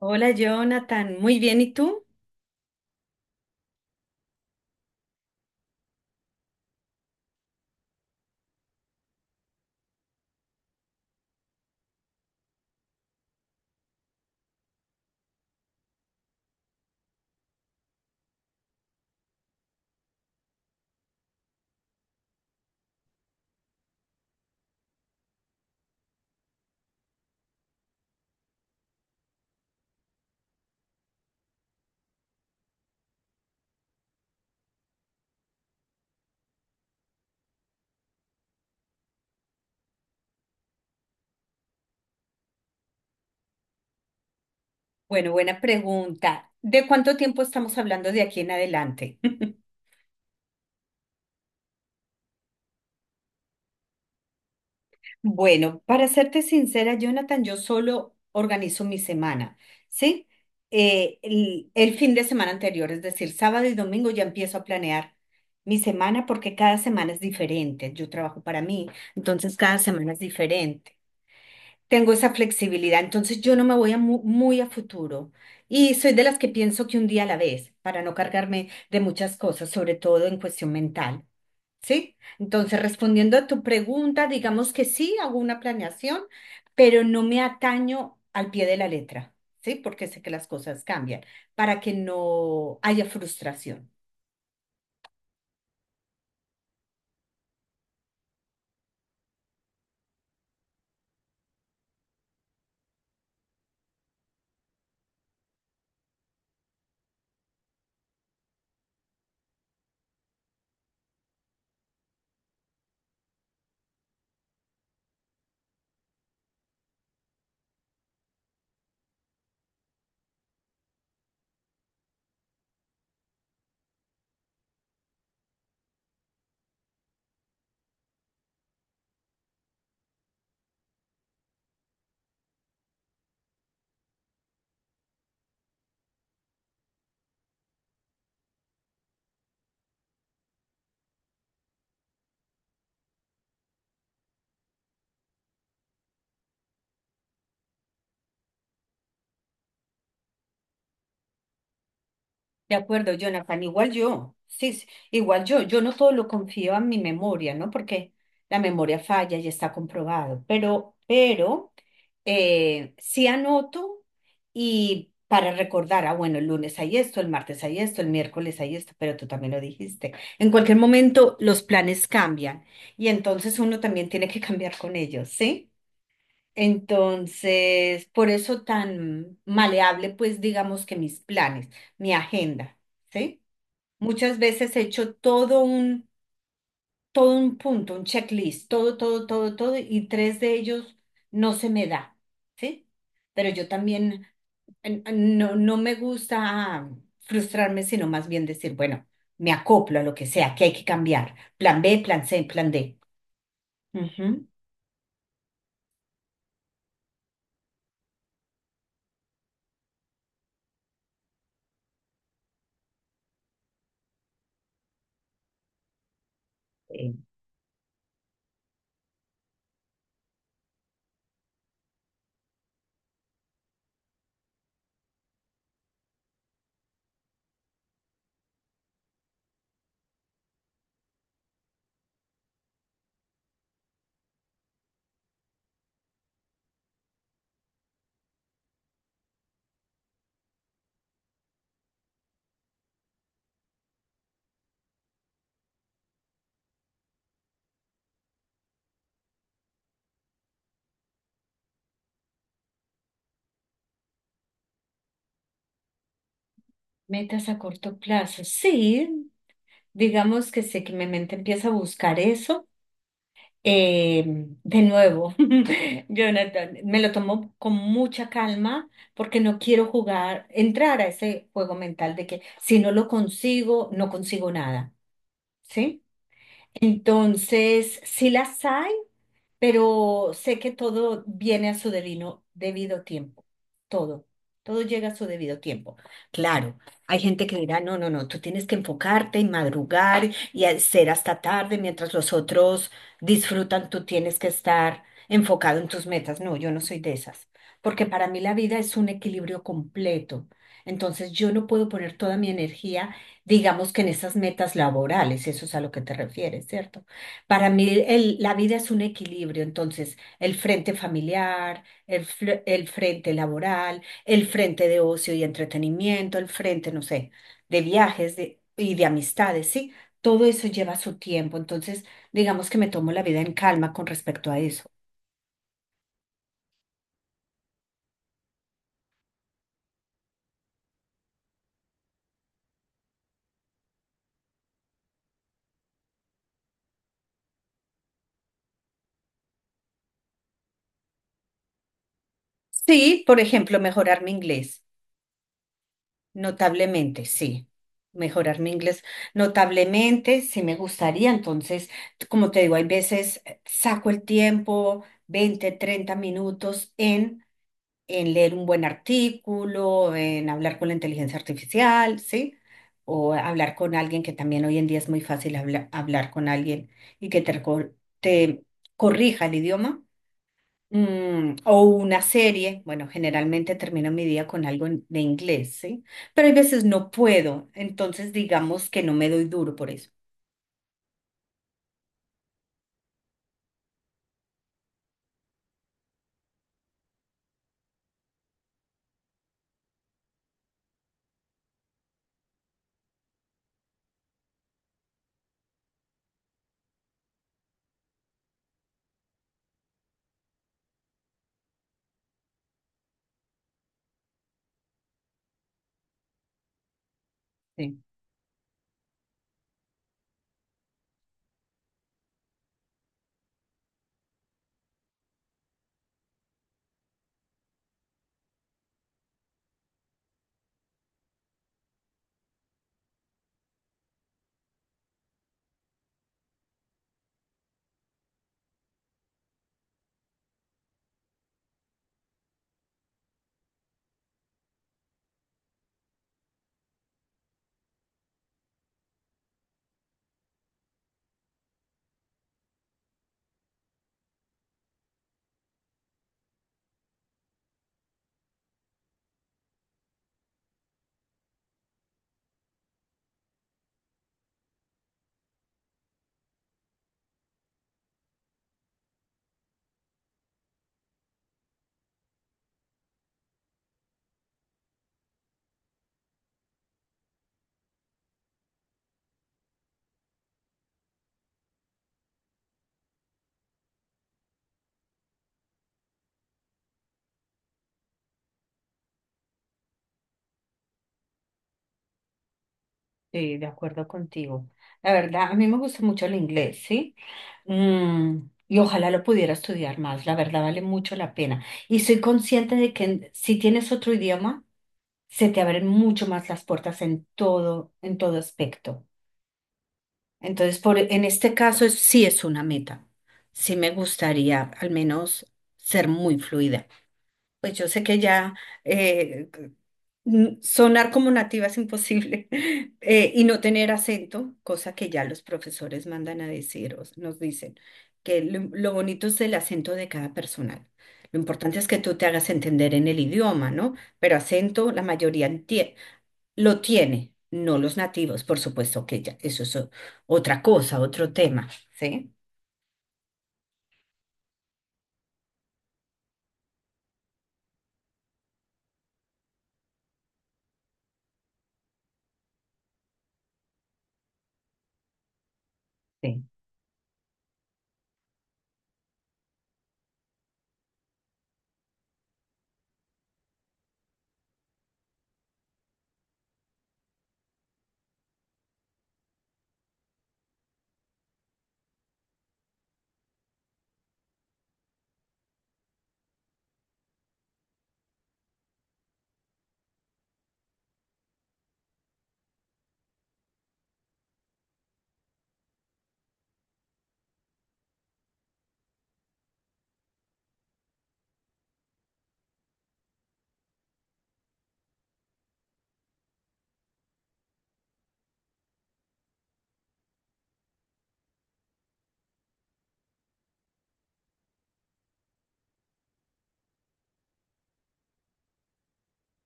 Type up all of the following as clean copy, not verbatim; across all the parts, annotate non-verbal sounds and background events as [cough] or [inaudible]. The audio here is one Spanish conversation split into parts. Hola Jonathan, muy bien, ¿y tú? Bueno, buena pregunta. ¿De cuánto tiempo estamos hablando de aquí en adelante? [laughs] Bueno, para serte sincera, Jonathan, yo solo organizo mi semana, ¿sí? El fin de semana anterior, es decir, sábado y domingo ya empiezo a planear mi semana porque cada semana es diferente. Yo trabajo para mí, entonces cada semana es diferente. Tengo esa flexibilidad, entonces yo no me voy a muy a futuro y soy de las que pienso que un día a la vez, para no cargarme de muchas cosas, sobre todo en cuestión mental, ¿sí? Entonces, respondiendo a tu pregunta, digamos que sí, hago una planeación, pero no me ataño al pie de la letra, ¿sí? Porque sé que las cosas cambian, para que no haya frustración. De acuerdo, Jonathan, igual yo, sí, sí, igual yo, yo no todo lo confío a mi memoria, ¿no? Porque la memoria falla y está comprobado, pero sí anoto y para recordar, ah, bueno, el lunes hay esto, el martes hay esto, el miércoles hay esto, pero tú también lo dijiste. En cualquier momento los planes cambian y entonces uno también tiene que [laughs] cambiar con ellos, ¿sí? Entonces, por eso tan maleable, pues digamos que mis planes, mi agenda, ¿sí? Muchas veces he hecho todo un punto, un checklist, todo, todo, todo, todo, y tres de ellos no se me da, ¿sí? Pero yo también no, no me gusta frustrarme, sino más bien decir, bueno, me acoplo a lo que sea, que hay que cambiar. Plan B, plan C, plan D. Ujú. Eh, Metas a corto plazo, sí. Digamos que sé que mi mente empieza a buscar eso. eh, de nuevo, [laughs] Jonathan, me lo tomo con mucha calma porque no quiero jugar, entrar a ese juego mental de que si no lo consigo, no consigo nada, ¿sí? Entonces, si las hay, pero sé que todo viene a su debido tiempo, todo, todo llega a su debido tiempo. Claro, hay gente que dirá, no, no, no, tú tienes que enfocarte y madrugar y hacer hasta tarde mientras los otros disfrutan, tú tienes que estar enfocado en tus metas. No, yo no soy de esas, porque para mí la vida es un equilibrio completo. Entonces yo no puedo poner toda mi energía, digamos que en esas metas laborales, eso es a lo que te refieres, ¿cierto? Para mí, la vida es un equilibrio, entonces, el frente familiar, el frente laboral, el frente de ocio y entretenimiento, el frente, no sé, de viajes y de amistades, ¿sí? Todo eso lleva su tiempo, entonces, digamos que me tomo la vida en calma con respecto a eso. Sí, por ejemplo, mejorar mi inglés. Notablemente, sí. Mejorar mi inglés notablemente, sí me gustaría. Entonces, como te digo, hay veces saco el tiempo, 20, 30 minutos en leer un buen artículo, en hablar con la inteligencia artificial, ¿sí? O hablar con alguien que también hoy en día es muy fácil hablar con alguien y que te corrija el idioma. Mm, o una serie, bueno, generalmente termino mi día con algo de inglés, ¿sí? Pero hay veces no puedo, entonces digamos que no me doy duro por eso. Sí, sí, de acuerdo contigo. La verdad, a mí me gusta mucho el inglés, ¿sí? Mm, y ojalá lo pudiera estudiar más, la verdad vale mucho la pena. Y soy consciente de que si tienes otro idioma, se te abren mucho más las puertas en todo aspecto. Entonces, por, en este caso sí es una meta. Sí me gustaría al menos ser muy fluida. Pues yo sé que ya eh, sonar como nativa es imposible [laughs] y no tener acento, cosa que ya los profesores mandan a decir o nos dicen, que lo bonito es el acento de cada persona. Lo importante es que tú te hagas entender en el idioma, ¿no? Pero acento la mayoría lo tiene, no los nativos, por supuesto que ya, eso es otra cosa, otro tema, ¿sí?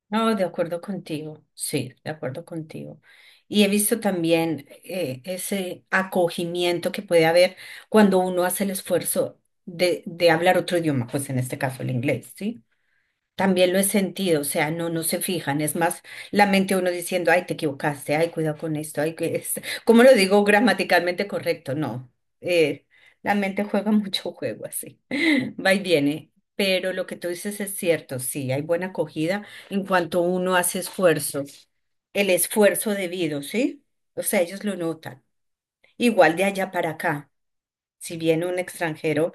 No, de acuerdo contigo, sí, de acuerdo contigo. Y he visto también ese acogimiento que puede haber cuando uno hace el esfuerzo de hablar otro idioma, pues en este caso el inglés, ¿sí? También lo he sentido, o sea, no, no se fijan, es más la mente uno diciendo, ay, te equivocaste, ay, cuidado con esto, ay, que es, [laughs] ¿cómo lo digo gramaticalmente correcto? No, eh, la mente juega [laughs] mucho juego así. Va y viene, pero lo que tú dices es cierto, sí, hay buena acogida en cuanto uno hace esfuerzo, el esfuerzo debido, ¿sí? O sea, ellos lo notan. Igual de allá para acá, si viene un extranjero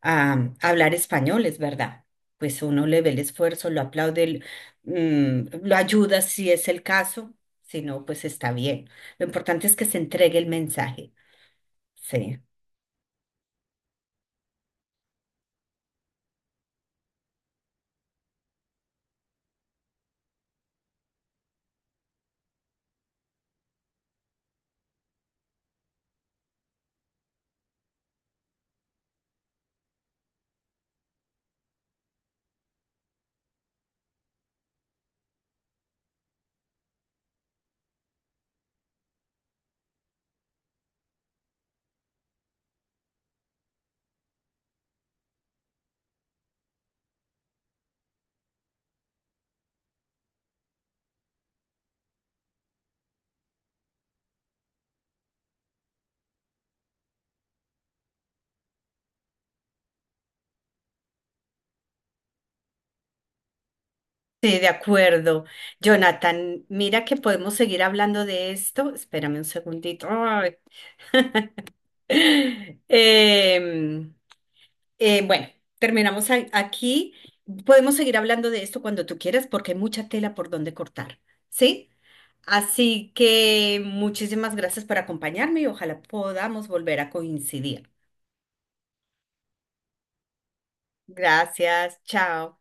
a hablar español, es verdad, pues uno le ve el esfuerzo, lo aplaude, lo ayuda si es el caso, si no, pues está bien. Lo importante es que se entregue el mensaje, sí. Sí, de acuerdo. Jonathan, mira que podemos seguir hablando de esto. Espérame un segundito. Ay. [laughs] Em, bueno, terminamos aquí. Podemos seguir hablando de esto cuando tú quieras porque hay mucha tela por donde cortar, ¿sí? Así que muchísimas gracias por acompañarme y ojalá podamos volver a coincidir. Gracias, chao.